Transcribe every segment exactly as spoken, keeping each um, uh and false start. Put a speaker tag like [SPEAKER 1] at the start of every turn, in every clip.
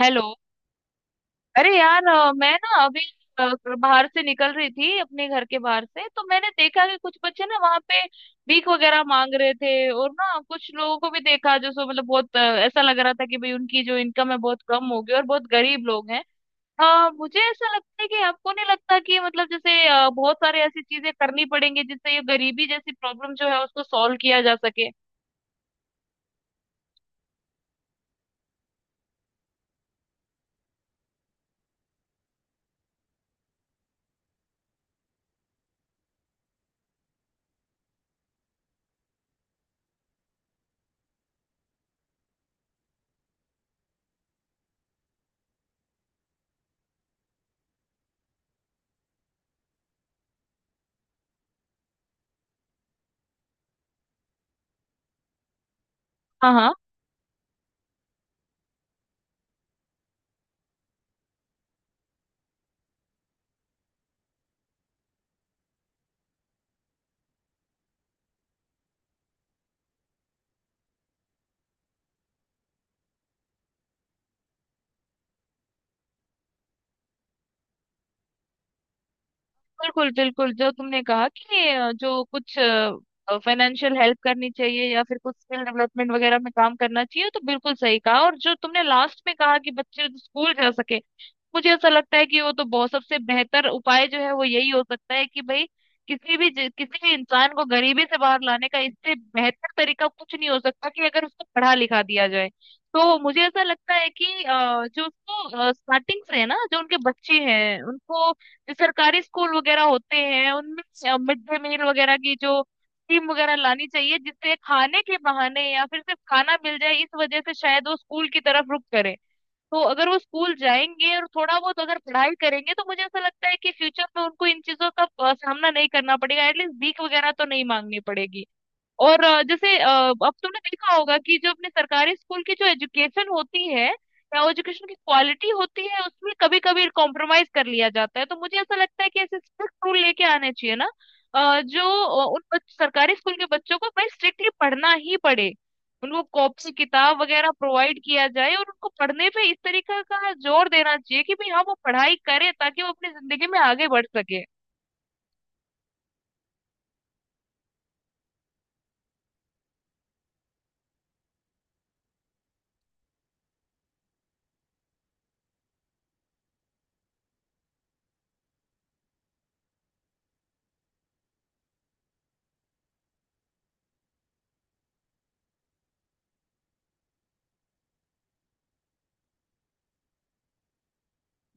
[SPEAKER 1] Hello. अरे यार, अ, मैं ना अभी अ, बाहर से निकल रही थी अपने घर के बाहर से, तो मैंने देखा कि कुछ बच्चे ना वहाँ पे भीख वगैरह मांग रहे थे, और ना कुछ लोगों को भी देखा जो सो मतलब बहुत अ, ऐसा लग रहा था कि भाई उनकी जो इनकम है बहुत कम हो गई और बहुत गरीब लोग हैं। हाँ, मुझे ऐसा लगता है कि आपको नहीं लगता कि मतलब जैसे अ, बहुत सारे ऐसी चीजें करनी पड़ेंगी जिससे ये गरीबी जैसी प्रॉब्लम जो है उसको सॉल्व किया जा सके? हाँ हाँ, बिल्कुल बिल्कुल। जो तुमने कहा कि अ, जो कुछ फाइनेंशियल हेल्प करनी चाहिए या फिर कुछ स्किल डेवलपमेंट वगैरह में काम करना चाहिए, तो बिल्कुल सही कहा। और जो तुमने लास्ट में कहा कि बच्चे स्कूल जा सके, मुझे ऐसा लगता है कि वो तो बहुत सबसे बेहतर उपाय जो है वो यही हो सकता है कि भाई किसी भी ज- किसी भी इंसान को गरीबी से बाहर लाने का इससे बेहतर तरीका कुछ नहीं हो सकता कि अगर उसको पढ़ा लिखा दिया जाए। तो मुझे ऐसा लगता है कि अ, जो उसको स्टार्टिंग से है ना, जो उनके बच्चे हैं उनको जो सरकारी स्कूल वगैरह होते हैं उनमें मिड डे मील वगैरह की जो स्कीम वगैरह लानी चाहिए, जिससे खाने के बहाने या फिर सिर्फ खाना मिल जाए इस वजह से शायद वो स्कूल की तरफ रुख करें। तो अगर वो स्कूल जाएंगे और थोड़ा बहुत अगर पढ़ाई करेंगे तो मुझे ऐसा लगता है कि फ्यूचर में उनको इन चीजों का अ, सामना नहीं करना पड़ेगा, एटलीस्ट भीख वगैरह तो नहीं मांगनी पड़ेगी। और अ, जैसे, अ, अब तुमने देखा होगा कि जो अपने सरकारी स्कूल की जो एजुकेशन होती है या एजुकेशन की क्वालिटी होती है उसमें कभी कभी कॉम्प्रोमाइज कर लिया जाता है, तो मुझे ऐसा लगता है कि ऐसे स्ट्रिक्ट रूल लेके आने चाहिए ना। अ, जो अ, उन बच- सरकारी स्कूल के बच्चों को भाई स्ट्रिक्टली पढ़ना ही पड़े, उनको कॉपी किताब वगैरह प्रोवाइड किया जाए और उनको पढ़ने पे इस तरीके का जोर देना चाहिए कि भाई हाँ वो पढ़ाई करे ताकि वो अपनी जिंदगी में आगे बढ़ सके।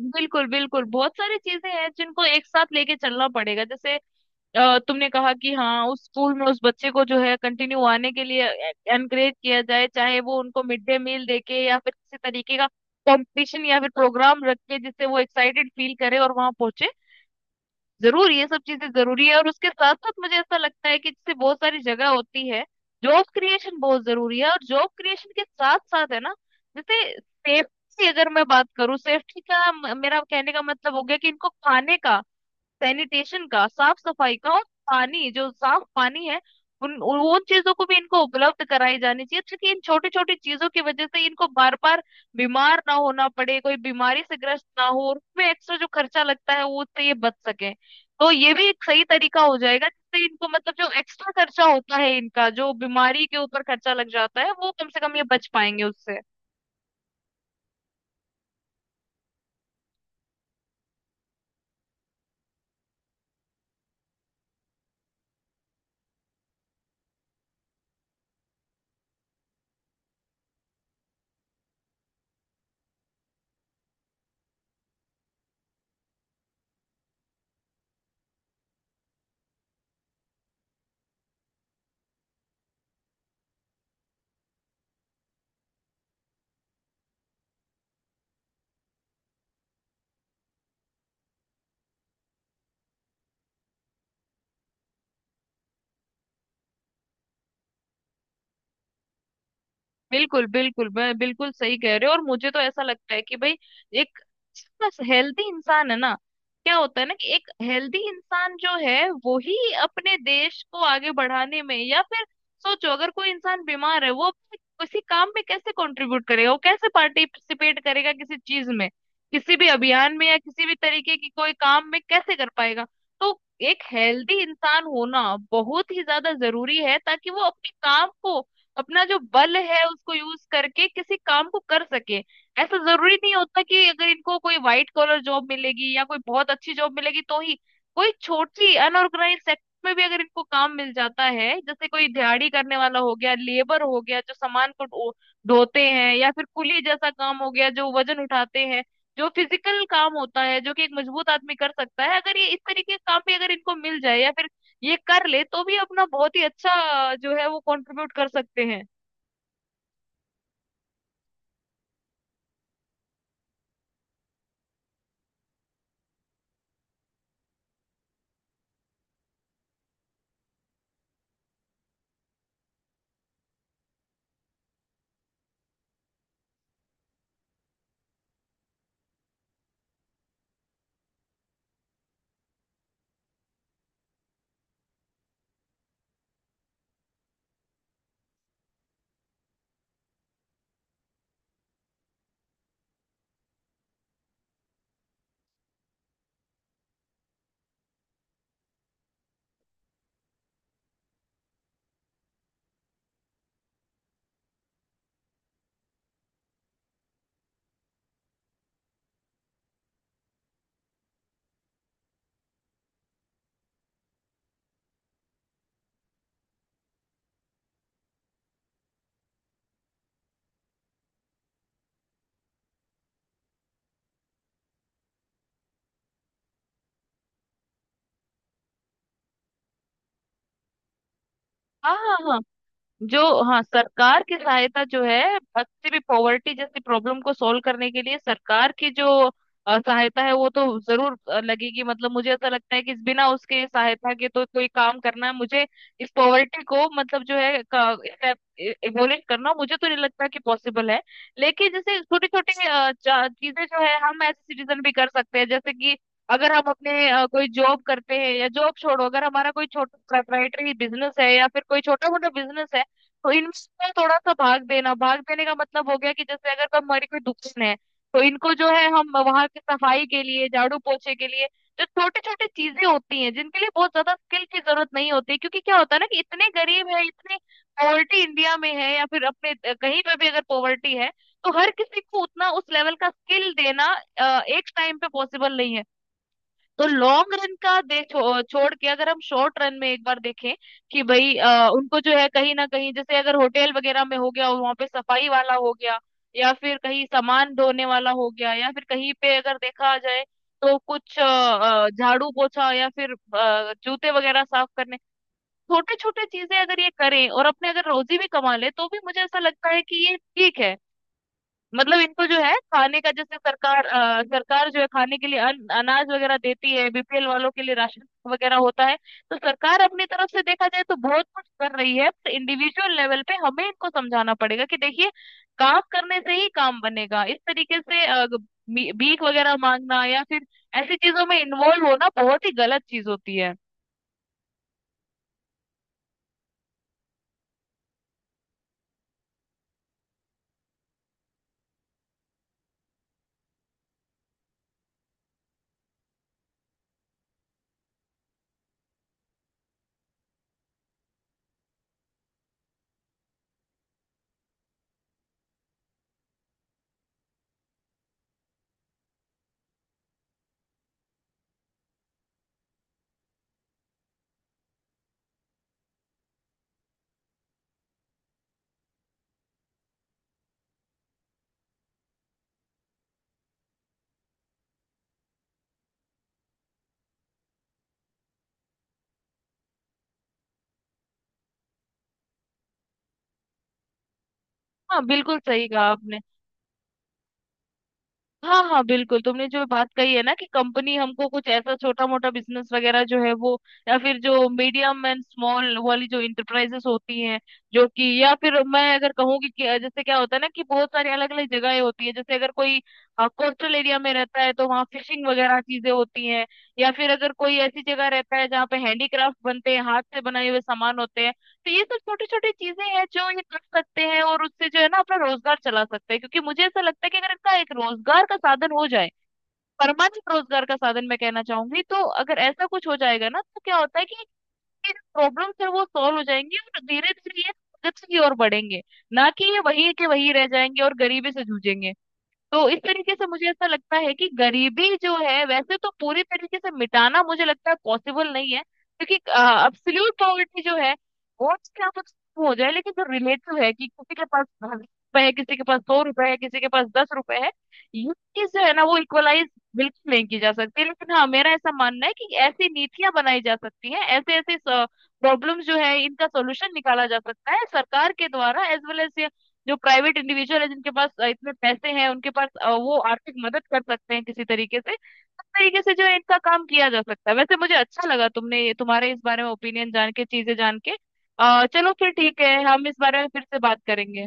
[SPEAKER 1] बिल्कुल बिल्कुल। बहुत सारी चीजें हैं जिनको एक साथ लेके चलना पड़ेगा। जैसे अ, तुमने कहा कि हाँ उस स्कूल में उस बच्चे को जो है कंटिन्यू आने के लिए एनकरेज किया जाए, चाहे वो उनको मिड डे मील देके या फिर किसी तरीके का कंपटीशन या फिर प्रोग्राम रख के, जिससे वो एक्साइटेड फील करे और वहां पहुंचे। जरूर ये सब चीजें जरूरी है, और उसके साथ साथ मुझे ऐसा लगता है कि जैसे बहुत सारी जगह होती है, जॉब क्रिएशन बहुत जरूरी है। और जॉब क्रिएशन के साथ साथ है ना, जैसे सेफ्टी। अगर मैं बात करूँ सेफ्टी का, म- मेरा कहने का मतलब हो गया कि इनको खाने का, सैनिटेशन का, साफ सफाई का, और पानी, जो साफ पानी है, उन उन चीजों को भी इनको उपलब्ध कराई जानी चाहिए ताकि इन छोटी छोटी चीजों की वजह से इनको बार बार बीमार ना होना पड़े, कोई बीमारी से ग्रस्त ना हो, और उसमें एक्स्ट्रा जो खर्चा लगता है वो उससे ये बच सके। तो ये भी एक सही तरीका हो जाएगा जिससे इनको मतलब जो एक्स्ट्रा खर्चा होता है इनका, जो बीमारी के ऊपर खर्चा लग जाता है वो कम से कम ये बच पाएंगे उससे। बिल्कुल बिल्कुल, मैं बिल्कुल सही कह रहे हो। और मुझे तो ऐसा लगता है कि भाई एक हेल्दी इंसान है ना, क्या होता है ना कि एक हेल्दी इंसान जो है वो ही अपने देश को आगे बढ़ाने में, या फिर सोचो अगर कोई इंसान बीमार है वो अपने किसी काम में कैसे कंट्रीब्यूट करेगा, वो कैसे पार्टिसिपेट करेगा किसी चीज में, किसी भी अभियान में या किसी भी तरीके की कोई काम में कैसे कर पाएगा? तो एक हेल्दी इंसान होना बहुत ही ज्यादा जरूरी है, ताकि वो अपने काम को, अपना जो बल है उसको यूज करके किसी काम को कर सके। ऐसा जरूरी नहीं होता कि अगर इनको कोई व्हाइट कॉलर जॉब मिलेगी या कोई बहुत अच्छी जॉब मिलेगी तो ही, कोई छोटी अनऑर्गेनाइज सेक्टर में भी अगर इनको काम मिल जाता है, जैसे कोई दिहाड़ी करने वाला हो गया, लेबर हो गया, जो सामान को ढो- ढोते हैं, या फिर कुली जैसा काम हो गया जो वजन उठाते हैं, जो फिजिकल काम होता है जो कि एक मजबूत आदमी कर सकता है, अगर ये इस तरीके का काम भी अगर इनको मिल जाए या फिर ये कर ले, तो भी अपना बहुत ही अच्छा अ, जो है वो कंट्रीब्यूट कर सकते हैं। हाँ हाँ हाँ। जो हाँ, सरकार की सहायता जो है किसी भी पॉवर्टी जैसी प्रॉब्लम को सॉल्व करने के लिए, सरकार की जो अ, सहायता है वो तो जरूर अ, लगेगी। मतलब मुझे ऐसा लगता है कि बिना उसके सहायता के तो कोई काम करना, मुझे इस पॉवर्टी को मतलब जो है एबोलिश करना मुझे तो नहीं लगता कि पॉसिबल है। लेकिन जैसे छोटी छोटी चीजें जो है हम एज सिटीजन भी कर सकते हैं, जैसे कि अगर हम अपने अ, कोई जॉब करते हैं, या जॉब छोड़ो, अगर हमारा कोई छोटा प्रोप्राइटरी बिजनेस है या फिर कोई छोटा मोटा बिजनेस है, तो इनमें थोड़ा सा भाग देना, भाग देने का मतलब हो गया कि जैसे अगर कोई हमारी कोई दुकान है तो इनको जो है हम वहां की सफाई के लिए, झाड़ू पोछे के लिए, जो छोटी छोटी चीजें होती हैं जिनके लिए बहुत ज्यादा स्किल की जरूरत नहीं होती, क्योंकि क्या होता है ना कि इतने गरीब है, इतने पॉवर्टी इंडिया में है, या फिर अपने अ, कहीं पे भी अगर पॉवर्टी है, तो हर किसी को उतना उस लेवल का स्किल देना अ, एक टाइम पे पॉसिबल नहीं है। तो लॉन्ग रन का देखो छोड़ के, अगर हम शॉर्ट रन में एक बार देखें कि भाई अ, उनको जो है कहीं ना कहीं जैसे अगर होटल वगैरह में हो गया वहां पे सफाई वाला हो गया, या फिर कहीं सामान धोने वाला हो गया, या फिर कहीं पे अगर देखा जाए तो कुछ अ, अ, झाड़ू पोछा या फिर अ, जूते वगैरह साफ करने, छोटे छोटे चीजें अगर ये करें और अपने अगर रोजी भी कमा ले, तो भी मुझे ऐसा लगता है कि ये ठीक है। मतलब इनको जो है खाने का, जैसे सरकार अ, सरकार जो है खाने के लिए अन, अनाज वगैरह देती है, बी पी एल वालों के लिए राशन वगैरह होता है। तो सरकार अपनी तरफ से देखा जाए तो बहुत कुछ कर रही है, तो इंडिविजुअल लेवल पे हमें इनको समझाना पड़ेगा कि देखिए, काम करने से ही काम बनेगा। इस तरीके से अ, ग- भी- भीख वगैरह मांगना, या फिर ऐसी चीजों में इन्वॉल्व होना बहुत ही गलत चीज होती है। हाँ, बिल्कुल सही कहा आपने। हाँ हाँ बिल्कुल। तुमने जो बात कही है ना कि कंपनी हमको कुछ ऐसा छोटा मोटा बिजनेस वगैरह जो है वो, या फिर जो मीडियम एंड स्मॉल वाली जो इंटरप्राइजेस होती हैं जो कि, या फिर मैं अगर कहूँगी कि कि जैसे, क्या होता है ना कि बहुत सारी अलग अलग जगहें होती है। जैसे अगर कोई, हाँ, कोस्टल एरिया में रहता है तो वहाँ फिशिंग वगैरह चीजें होती हैं, या फिर अगर कोई ऐसी जगह रहता है जहाँ पे हैंडीक्राफ्ट बनते हैं, हाथ से बनाए हुए सामान होते हैं, तो ये सब छोटी छोटी चीजें हैं जो ये कर सकते हैं और उससे जो है ना अपना रोजगार चला सकते हैं। क्योंकि मुझे ऐसा लगता है कि अगर इनका एक रोजगार का साधन हो जाए, परमानेंट रोजगार का साधन मैं कहना चाहूंगी, तो अगर ऐसा कुछ हो जाएगा ना तो क्या होता है कि ये प्रॉब्लम्स है वो सॉल्व हो जाएंगी, और धीरे धीरे ये प्रगति की ओर बढ़ेंगे, ना कि ये वही के वही रह जाएंगे और गरीबी से जूझेंगे। तो इस तरीके से मुझे ऐसा लगता है कि गरीबी जो है वैसे तो पूरी तरीके से मिटाना मुझे लगता है पॉसिबल नहीं है, क्योंकि अब्सोल्यूट पॉवर्टी जो है वो चाहे आप उसको हो जाए, लेकिन जो रिलेटिव है कि किसी के पास सौ रुपए है, किसी के पास सौ रुपए है, किसी के पास दस रुपए है, ये चीज जो है ना वो इक्वलाइज बिल्कुल नहीं की जा सकती। लेकिन हाँ, मेरा ऐसा मानना है कि ऐसी नीतियां बनाई जा सकती हैं, ऐसे ऐसे प्रॉब्लम जो है इनका सोल्यूशन निकाला जा सकता है सरकार के द्वारा, एज वेल एज जो प्राइवेट इंडिविजुअल है जिनके पास अ, इतने पैसे हैं उनके पास, अ, वो आर्थिक मदद कर सकते हैं किसी तरीके से। उस तरीके से जो है इनका काम किया जा सकता है। वैसे मुझे अच्छा लगा तुमने ये- तुम्हारे इस बारे में ओपिनियन जान के, चीजें जान के। अ, चलो फिर ठीक है, हम इस बारे में फिर से बात करेंगे।